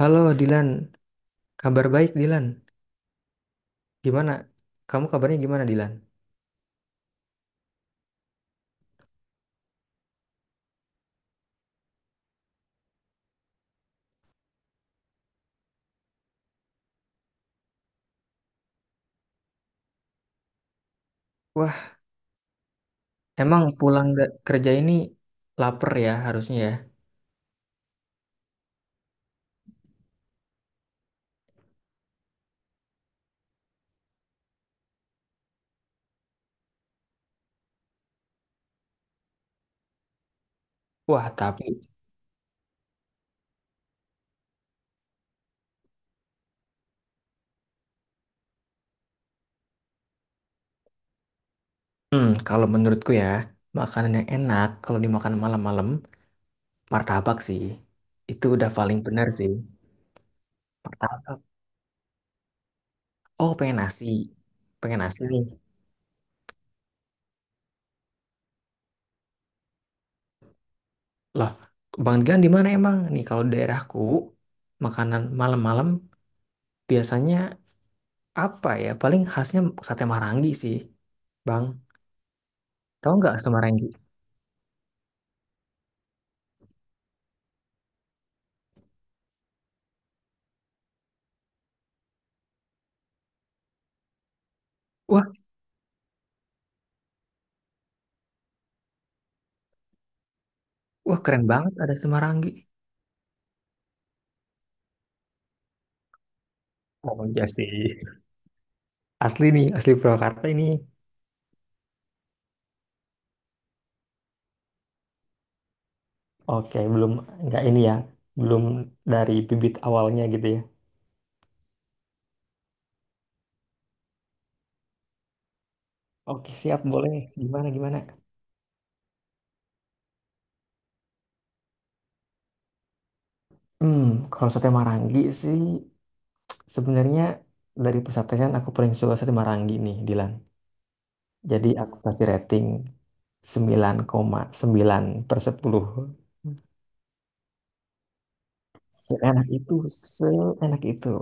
Halo Dilan, kabar baik Dilan. Gimana? Kamu kabarnya gimana Dilan? Wah, emang pulang kerja ini lapar ya harusnya ya. Wah, tapi kalau menurutku ya, makanan yang enak kalau dimakan malam-malam, martabak sih. Itu udah paling benar sih. Martabak. Oh, pengen nasi. Pengen nasi nih. Loh, Bang Dilan di mana emang? Nih kalau di daerahku, makanan malam-malam biasanya apa ya? Paling khasnya sate marangi sih, Bang. Tahu nggak Semaranggi? Wah, keren banget ada Semaranggi. Oh iya sih. Asli nih, asli Purwakarta ini. Oke, belum nggak ini ya. Belum dari bibit awalnya gitu ya. Oke, siap boleh. Gimana gimana? Hmm, kalau sate Marangi sih sebenarnya dari persatean aku paling suka sate Marangi nih, Dilan. Jadi aku kasih rating sembilan koma sembilan per 10. Seenak itu, seenak itu.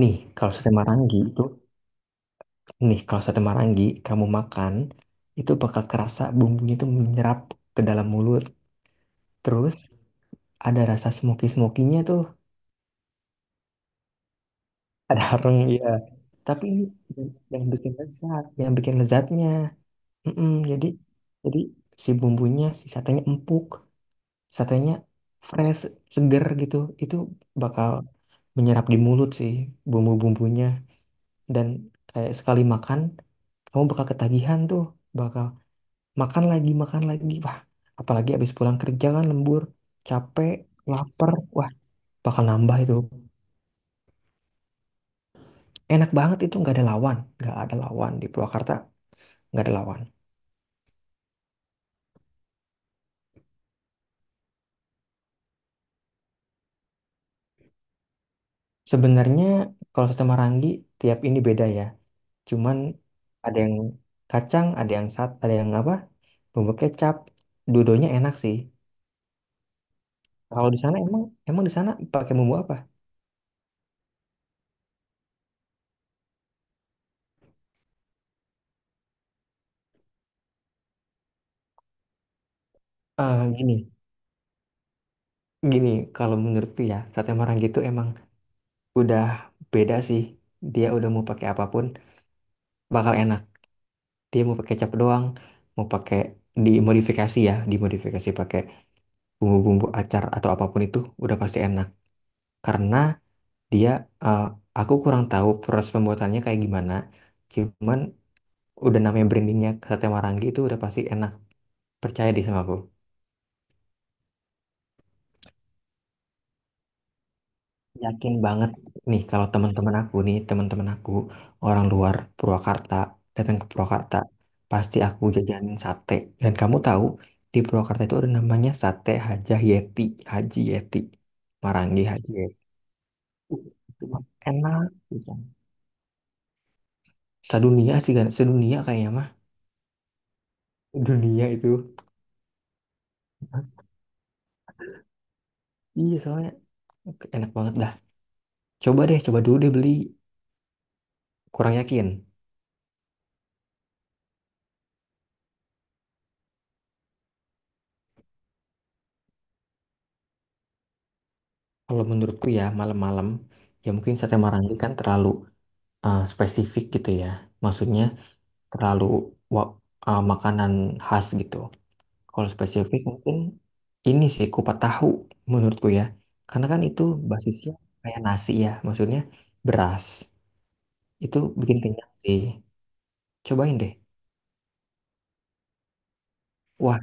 Nih, kalau sate Marangi itu Nih, kalau sate marangi kamu makan, itu bakal kerasa bumbunya itu menyerap ke dalam mulut. Terus ada rasa smoky-smokinya tuh, ada arang ya. Tapi ini yang, yang bikin lezat, yang bikin lezatnya. Mm-mm, jadi jadi si bumbunya, si satenya empuk, satenya fresh, seger gitu. Itu bakal menyerap di mulut sih, bumbu-bumbunya, dan kayak sekali makan kamu bakal ketagihan tuh, bakal makan lagi, makan lagi. Wah, apalagi habis pulang kerja kan lembur, capek, lapar, wah bakal nambah itu. Enak banget itu, nggak ada lawan, nggak ada lawan di Purwakarta, nggak ada lawan. Sebenarnya kalau soto Marangi tiap ini beda ya, cuman ada yang kacang, ada yang sat, ada yang apa, bumbu kecap dudonya enak sih. Kalau di sana emang, di sana pakai bumbu apa. Eh gini gini kalau menurutku ya sate Marangi itu emang udah beda sih, dia udah mau pakai apapun bakal enak. Dia mau pakai kecap doang, mau pakai dimodifikasi ya, dimodifikasi pakai bumbu-bumbu acar atau apapun itu udah pasti enak. Karena dia eh, aku kurang tahu proses pembuatannya kayak gimana. Cuman udah namanya brandingnya sate Marangi itu udah pasti enak. Percaya deh sama aku. Yakin banget nih kalau teman-teman aku orang luar Purwakarta datang ke Purwakarta, pasti aku jajanin sate. Dan kamu tahu di Purwakarta itu ada namanya sate Haji Yeti, Haji Yeti, Marangi Haji Yeti. Uh, Itu mah enak pisan. Sedunia sih, kan? Sedunia kayaknya mah. Dunia itu. Iya soalnya enak banget dah. Coba deh, coba dulu deh beli. Kurang yakin. Kalau menurutku ya malam-malam, ya mungkin sate Marangi kan terlalu spesifik gitu ya. Maksudnya terlalu wa- makanan khas gitu. Kalau spesifik mungkin ini sih kupat tahu menurutku ya. Karena kan itu basisnya kayak nasi ya, maksudnya beras. Itu bikin kenyang sih. Cobain deh. Wah,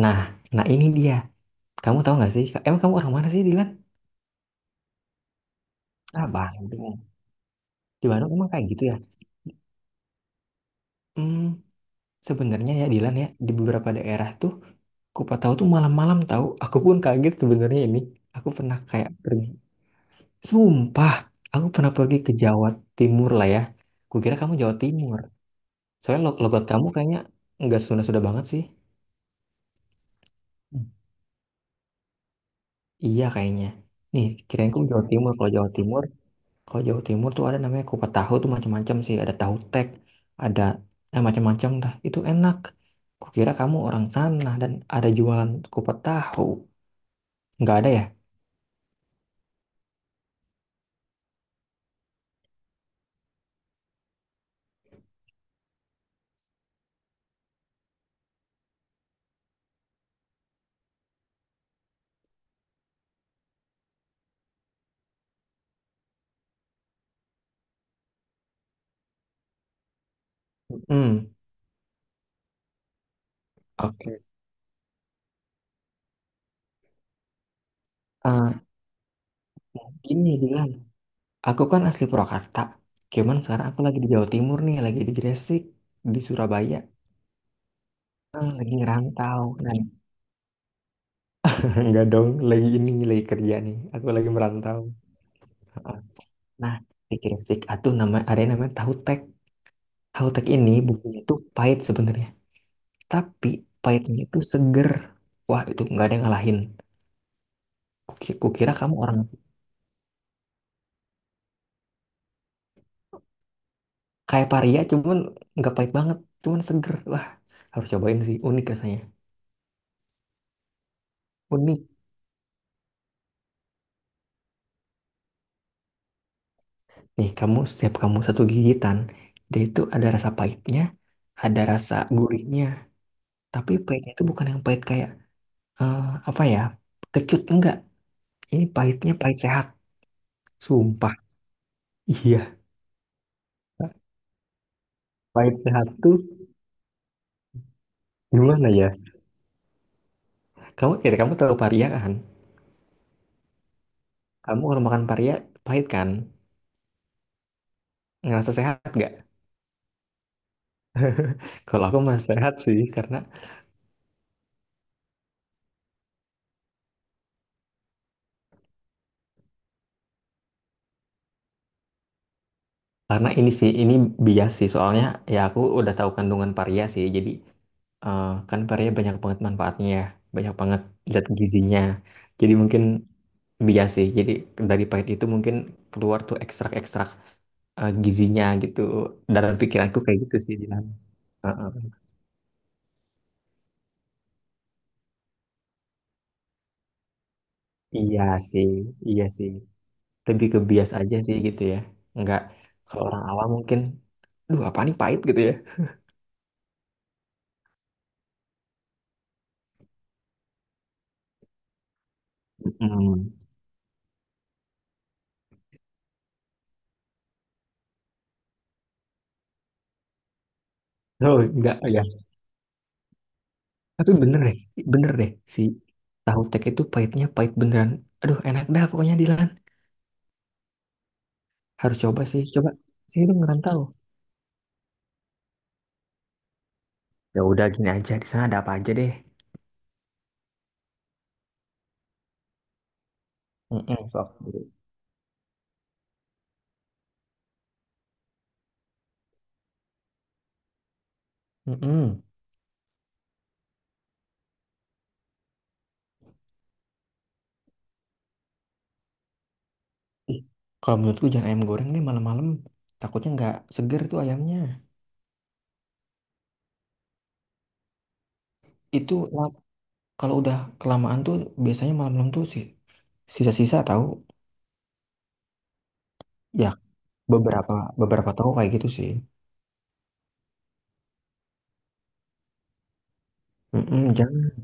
nah, nah ini dia. Kamu tahu nggak sih? Emang kamu orang mana sih, Dilan? Ah, Bandung. Di Bandung emang kayak gitu ya. Hmm, sebenarnya ya, Dilan ya, di beberapa daerah tuh kupat tahu tuh malam-malam tahu. Aku pun kaget sebenarnya ini. Aku pernah kayak pergi. Sumpah, aku pernah pergi ke Jawa Timur lah ya. Kukira kamu Jawa Timur. Soalnya logat kamu kayaknya nggak Sunda-Sunda banget sih. Hmm, iya kayaknya. Nih, kirain kamu Jawa Timur. Kalau Jawa Timur tuh ada namanya kupat tahu tuh macam-macam sih. Ada tahu tek, ada macam-macam dah. Itu enak. Kukira kamu orang sana dan ada jualan kupat tahu. Nggak ada ya? Hmm. Oke. Ah, ini dia. Aku kan asli Purwakarta. Cuman sekarang aku lagi di Jawa Timur nih, lagi di Gresik, di Surabaya. Eh, lagi ngerantau. Nah, enggak dong, lagi ini, lagi kerja nih. Aku lagi merantau. Heeh. Nah, di Gresik atau nama ada yang namanya tahu tek. Tahu tek ini bumbunya tuh pahit sebenarnya, tapi pahitnya itu seger. Wah, itu nggak ada yang ngalahin. Kukira kamu orang kayak paria, cuman nggak pahit banget, cuman seger. Wah, harus cobain sih, unik rasanya. Unik. Nih, kamu setiap kamu satu gigitan, dia itu ada rasa pahitnya, ada rasa gurihnya. Tapi pahitnya itu bukan yang pahit kayak eh, apa ya? Kecut enggak. Ini pahitnya pahit sehat. Sumpah. Iya, pahit sehat tuh gimana ya? Kamu kira kamu tahu paria kan? Kamu kalau makan paria pahit kan? Ngerasa sehat nggak? Kalau aku merasa sehat sih karena ini sih ini bias sih soalnya ya aku udah tahu kandungan paria sih. Jadi kan parea banyak banget manfaatnya ya, banyak banget zat gizinya. Jadi mungkin bias sih. Jadi dari pahit itu mungkin keluar tuh ekstrak-ekstrak gizinya gitu. Dalam pikiranku kayak gitu sih Dilan. Heeh. Iya sih, iya sih. Lebih ke bias aja sih gitu ya. Enggak kalau orang awam mungkin, duh apa nih pahit gitu ya. Mm. Oh, enggak ya. Tapi bener deh si tahu tek itu pahitnya pahit beneran. Aduh, enak dah pokoknya Dilan. Harus coba sih itu ngerantau. Ya udah gini aja, di sana ada apa aja deh. Mm-mm, sok dulu. Mm-mm. Ih, kalau menurutku jangan ayam goreng deh malam-malam. Takutnya nggak seger tuh ayamnya. Itu kalau udah kelamaan tuh biasanya malam-malam tuh sih sisa-sisa tahu. Ya beberapa beberapa tahu kayak gitu sih. Mm-mm, jangan.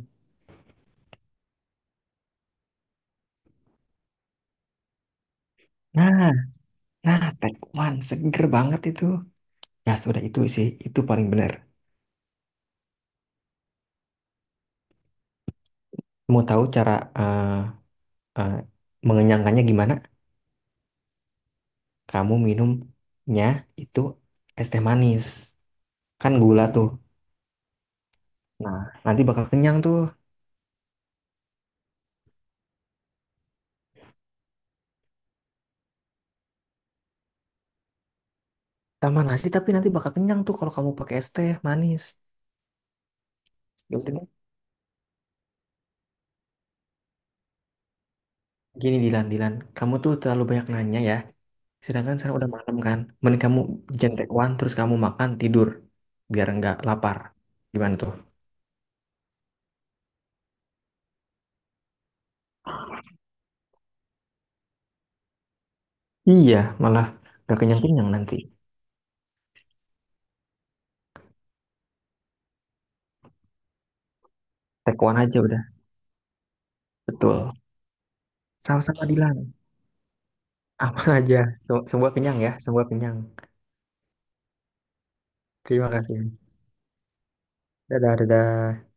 Nah, nah, tekwan seger banget itu. Ya sudah itu sih, itu paling benar. Mau tahu cara eh, eh, mengenyangkannya gimana? Kamu minumnya itu es teh manis, kan gula tuh. Nah, nanti bakal kenyang tuh. Sama nasi, tapi nanti bakal kenyang tuh kalau kamu pakai es teh manis. Ya udah deh, gini Dilan, kamu tuh terlalu banyak nanya ya, sedangkan sekarang udah malam kan. Mending kamu jentewan terus kamu makan tidur biar nggak lapar. Gimana tuh? Iya, malah nggak kenyang kenyang nanti. Tekwan aja udah, betul. Sama-sama Dilan, aman aja. Semua kenyang ya, semua kenyang. Terima kasih. Dadah, dadah.